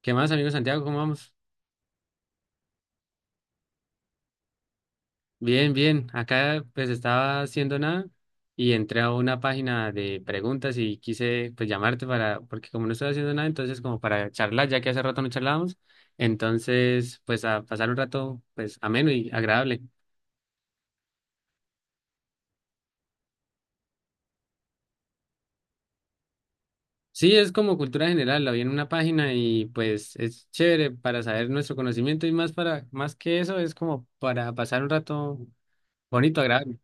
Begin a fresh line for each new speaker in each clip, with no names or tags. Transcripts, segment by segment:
¿Qué más, amigo Santiago? ¿Cómo vamos? Bien, bien. Acá pues estaba haciendo nada y entré a una página de preguntas y quise pues llamarte para, porque como no estoy haciendo nada, entonces como para charlar, ya que hace rato no charlábamos, entonces pues a pasar un rato pues ameno y agradable. Sí, es como cultura general, la vi en una página y pues es chévere para saber nuestro conocimiento y más para, más que eso, es como para pasar un rato bonito, agradable.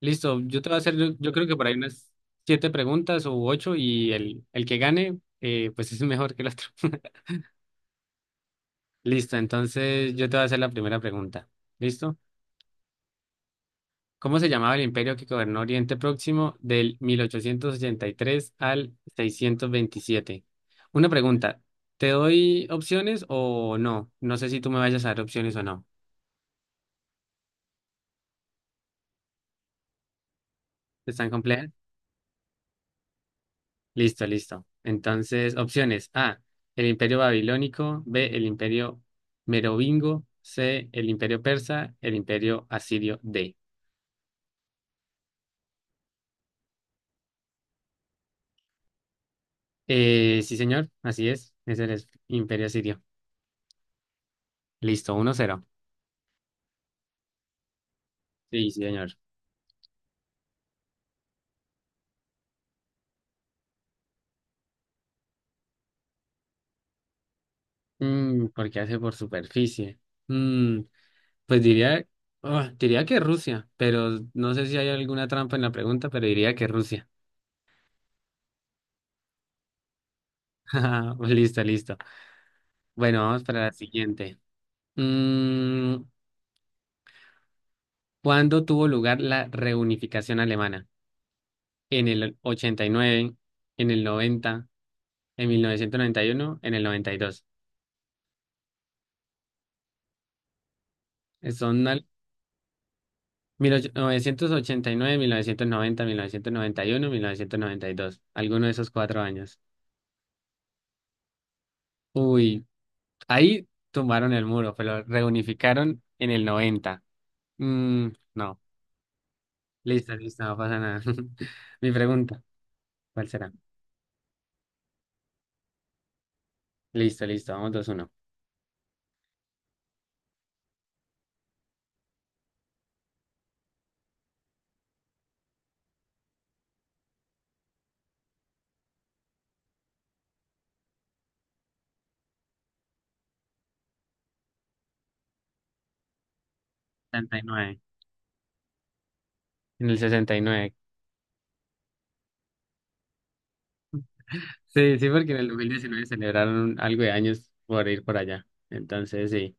Listo, yo te voy a hacer, yo creo que por ahí unas siete preguntas o ocho y el que gane, pues es mejor que el otro. Listo, entonces yo te voy a hacer la primera pregunta. ¿Listo? ¿Cómo se llamaba el imperio que gobernó Oriente Próximo del 1883 al 627? Una pregunta, ¿te doy opciones o no? No sé si tú me vayas a dar opciones o no. ¿Están complejas? Listo, listo. Entonces, opciones. A, el imperio babilónico. B, el imperio merovingo. C, el imperio persa. El imperio asirio. D. Sí, señor. Así es. Es el es- imperio asirio. Listo, 1-0. Sí, sí, señor. Mm, ¿por qué hace por superficie? Mm, pues diría, ah, diría que Rusia, pero no sé si hay alguna trampa en la pregunta, pero diría que Rusia. Listo, listo. Bueno, vamos para la siguiente. Mm, ¿cuándo tuvo lugar la reunificación alemana? ¿En el 89, en el 90, en 1991, en el noventa y dos? Son al- 1989, 1990, 1991, 1992. Alguno de esos cuatro años. Uy, ahí tumbaron el muro, pero reunificaron en el 90. Mm, no, listo, listo, no pasa nada. Mi pregunta, ¿cuál será? Listo, listo, vamos 2-1. Sesenta y nueve. En el 69. Sí, sí, porque en el 2019 celebraron algo de años por ir por allá. Entonces, sí.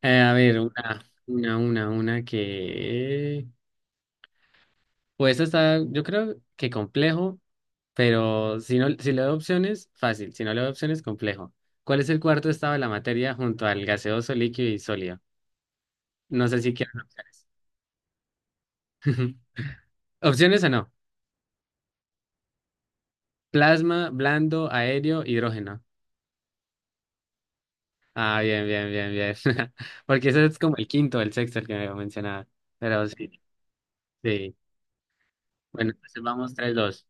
A ver, una que... Pues esta está, yo creo que complejo, pero si no, si le doy opciones, fácil. Si no le doy opciones, complejo. ¿Cuál es el cuarto estado de la materia junto al gaseoso, líquido y sólido? No sé si quieren opciones. ¿Opciones o no? Plasma, blando, aéreo, hidrógeno. Ah, bien, bien, bien, bien. Porque ese es como el quinto, el sexto, el que me mencionaba. Pero sí. Sí. Bueno, entonces vamos 3-2.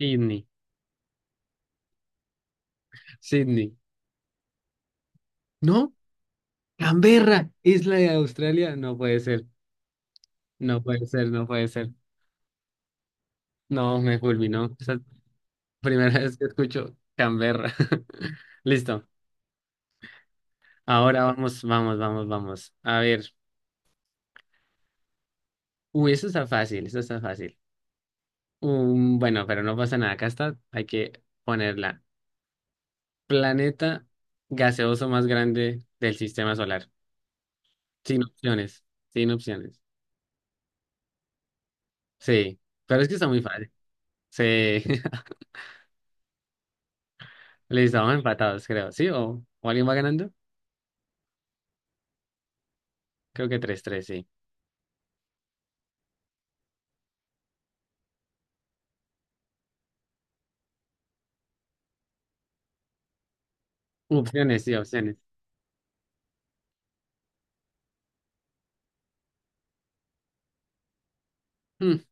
Sydney, Sydney. No, Canberra, isla de Australia. No puede ser, no puede ser, no puede ser. No, me fulminó. Esa es la primera vez que escucho Canberra. Listo. Ahora vamos, vamos, vamos, vamos. A ver. Uy, eso está fácil, eso está fácil. Bueno, pero no pasa nada. Acá está, hay que ponerla. Planeta gaseoso más grande del sistema solar. Sin opciones, sin opciones. Sí, pero es que está muy fácil. Sí, listo, vamos empatados, creo. ¿Sí? O alguien va ganando? Creo que 3-3 sí. Opciones, sí, opciones. Mm,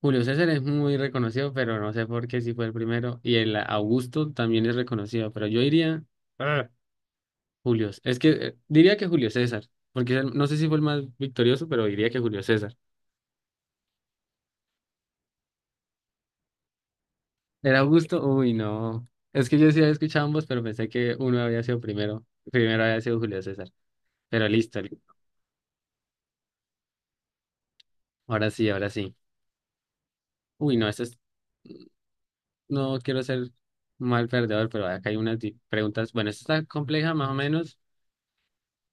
Julio César es muy reconocido, pero no sé por qué si fue el primero. Y el Augusto también es reconocido, pero yo diría. Ah, Julio. Es que diría que Julio César, porque él- no sé si fue el más victorioso, pero diría que Julio César. ¿Era Augusto? Uy, no. Es que yo sí había escuchado ambos, pero pensé que uno había sido primero. Primero había sido Julio César. Pero listo, li- ahora sí, ahora sí. Uy, no, esto es. No quiero ser mal perdedor, pero acá hay unas di- preguntas. Bueno, esta está compleja más o menos.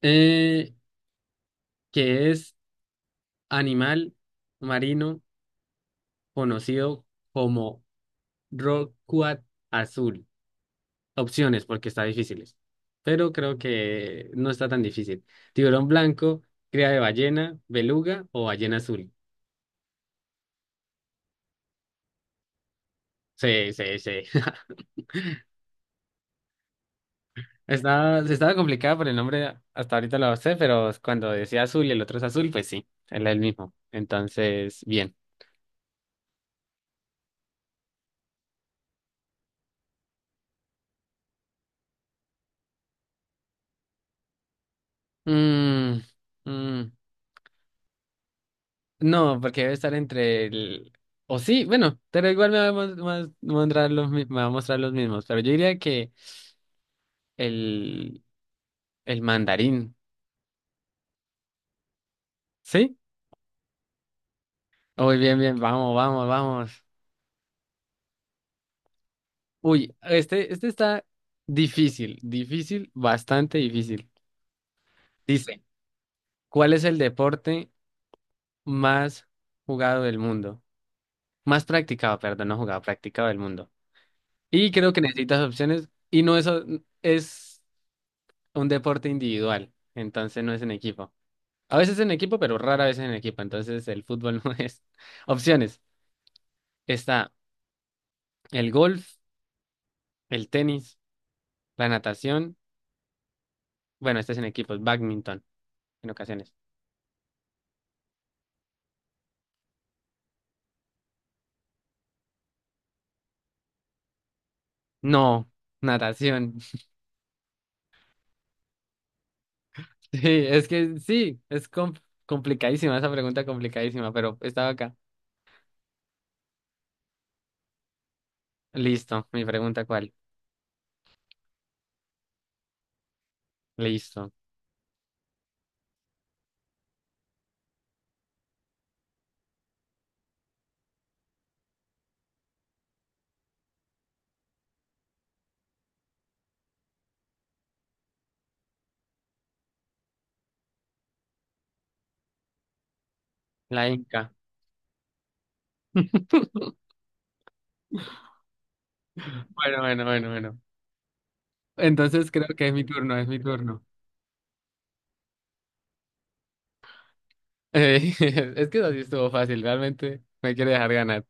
Eh, ¿Qué es animal marino conocido como rorcual azul? Opciones, porque está difíciles. Pero creo que no está tan difícil. Tiburón blanco, cría de ballena, beluga o ballena azul. Sí, sí, sí. Estaba, estaba complicada por el nombre, hasta ahorita lo sé, pero cuando decía azul y el otro es azul, pues sí, él es el mismo. Entonces, bien. Mm, mm, no, porque debe estar entre el... O sí, bueno, pero igual me va a mostrar los, me va a mostrar los mismos, pero yo diría que el, el mandarín, ¿sí? Muy bien, bien, vamos, vamos, vamos. Uy, este está difícil, difícil, bastante difícil. Dice, ¿cuál es el deporte más jugado del mundo? Más practicado, perdón, no jugado, practicado del mundo. Y creo que necesitas opciones y no es, es un deporte individual, entonces no es en equipo. A veces en equipo, pero rara vez en equipo, entonces el fútbol no es. Opciones. Está el golf, el tenis, la natación. Bueno, este es en equipos, badminton en ocasiones. No, natación. Sí, es que sí, complicadísima esa pregunta, complicadísima, pero estaba acá. Listo, mi pregunta, ¿cuál? Listo. La Inca. Bueno, bueno, bueno, bueno. Entonces creo que es mi turno, es mi turno. Eh, es que así estuvo fácil, realmente me quiere dejar ganar.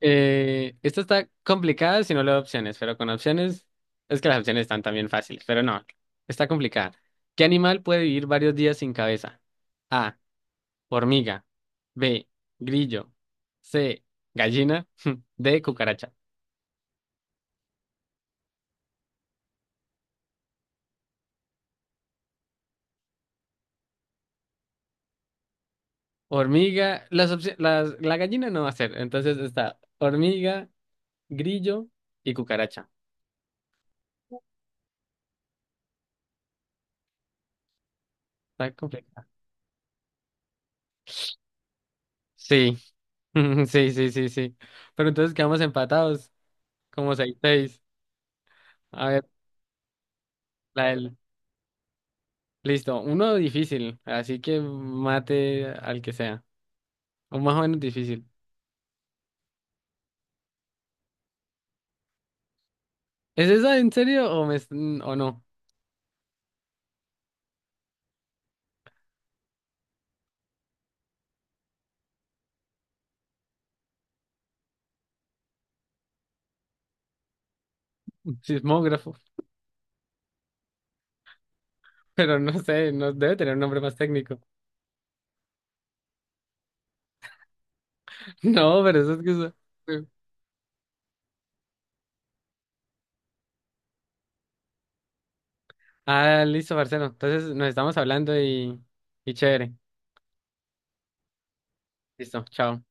Esto está complicada si no le doy opciones, pero con opciones es que las opciones están también fáciles, pero no, está complicada. ¿Qué animal puede vivir varios días sin cabeza? A, hormiga. B, grillo. C, gallina. D, cucaracha. Hormiga, las opci- las, la gallina no va a ser. Entonces está hormiga, grillo y cucaracha. Está complicado. Sí, sí, sí, sí, sí. Pero entonces quedamos empatados, como 6-6. A ver, la del. Listo, uno difícil, así que mate al que sea. O más o menos difícil. ¿Es esa en serio o, me, es- o no? Sismógrafo, pero no sé, no debe tener un nombre más técnico. No, pero eso es que... eso. Ah, listo, Marcelo. Entonces nos estamos hablando y chévere. Listo, chao.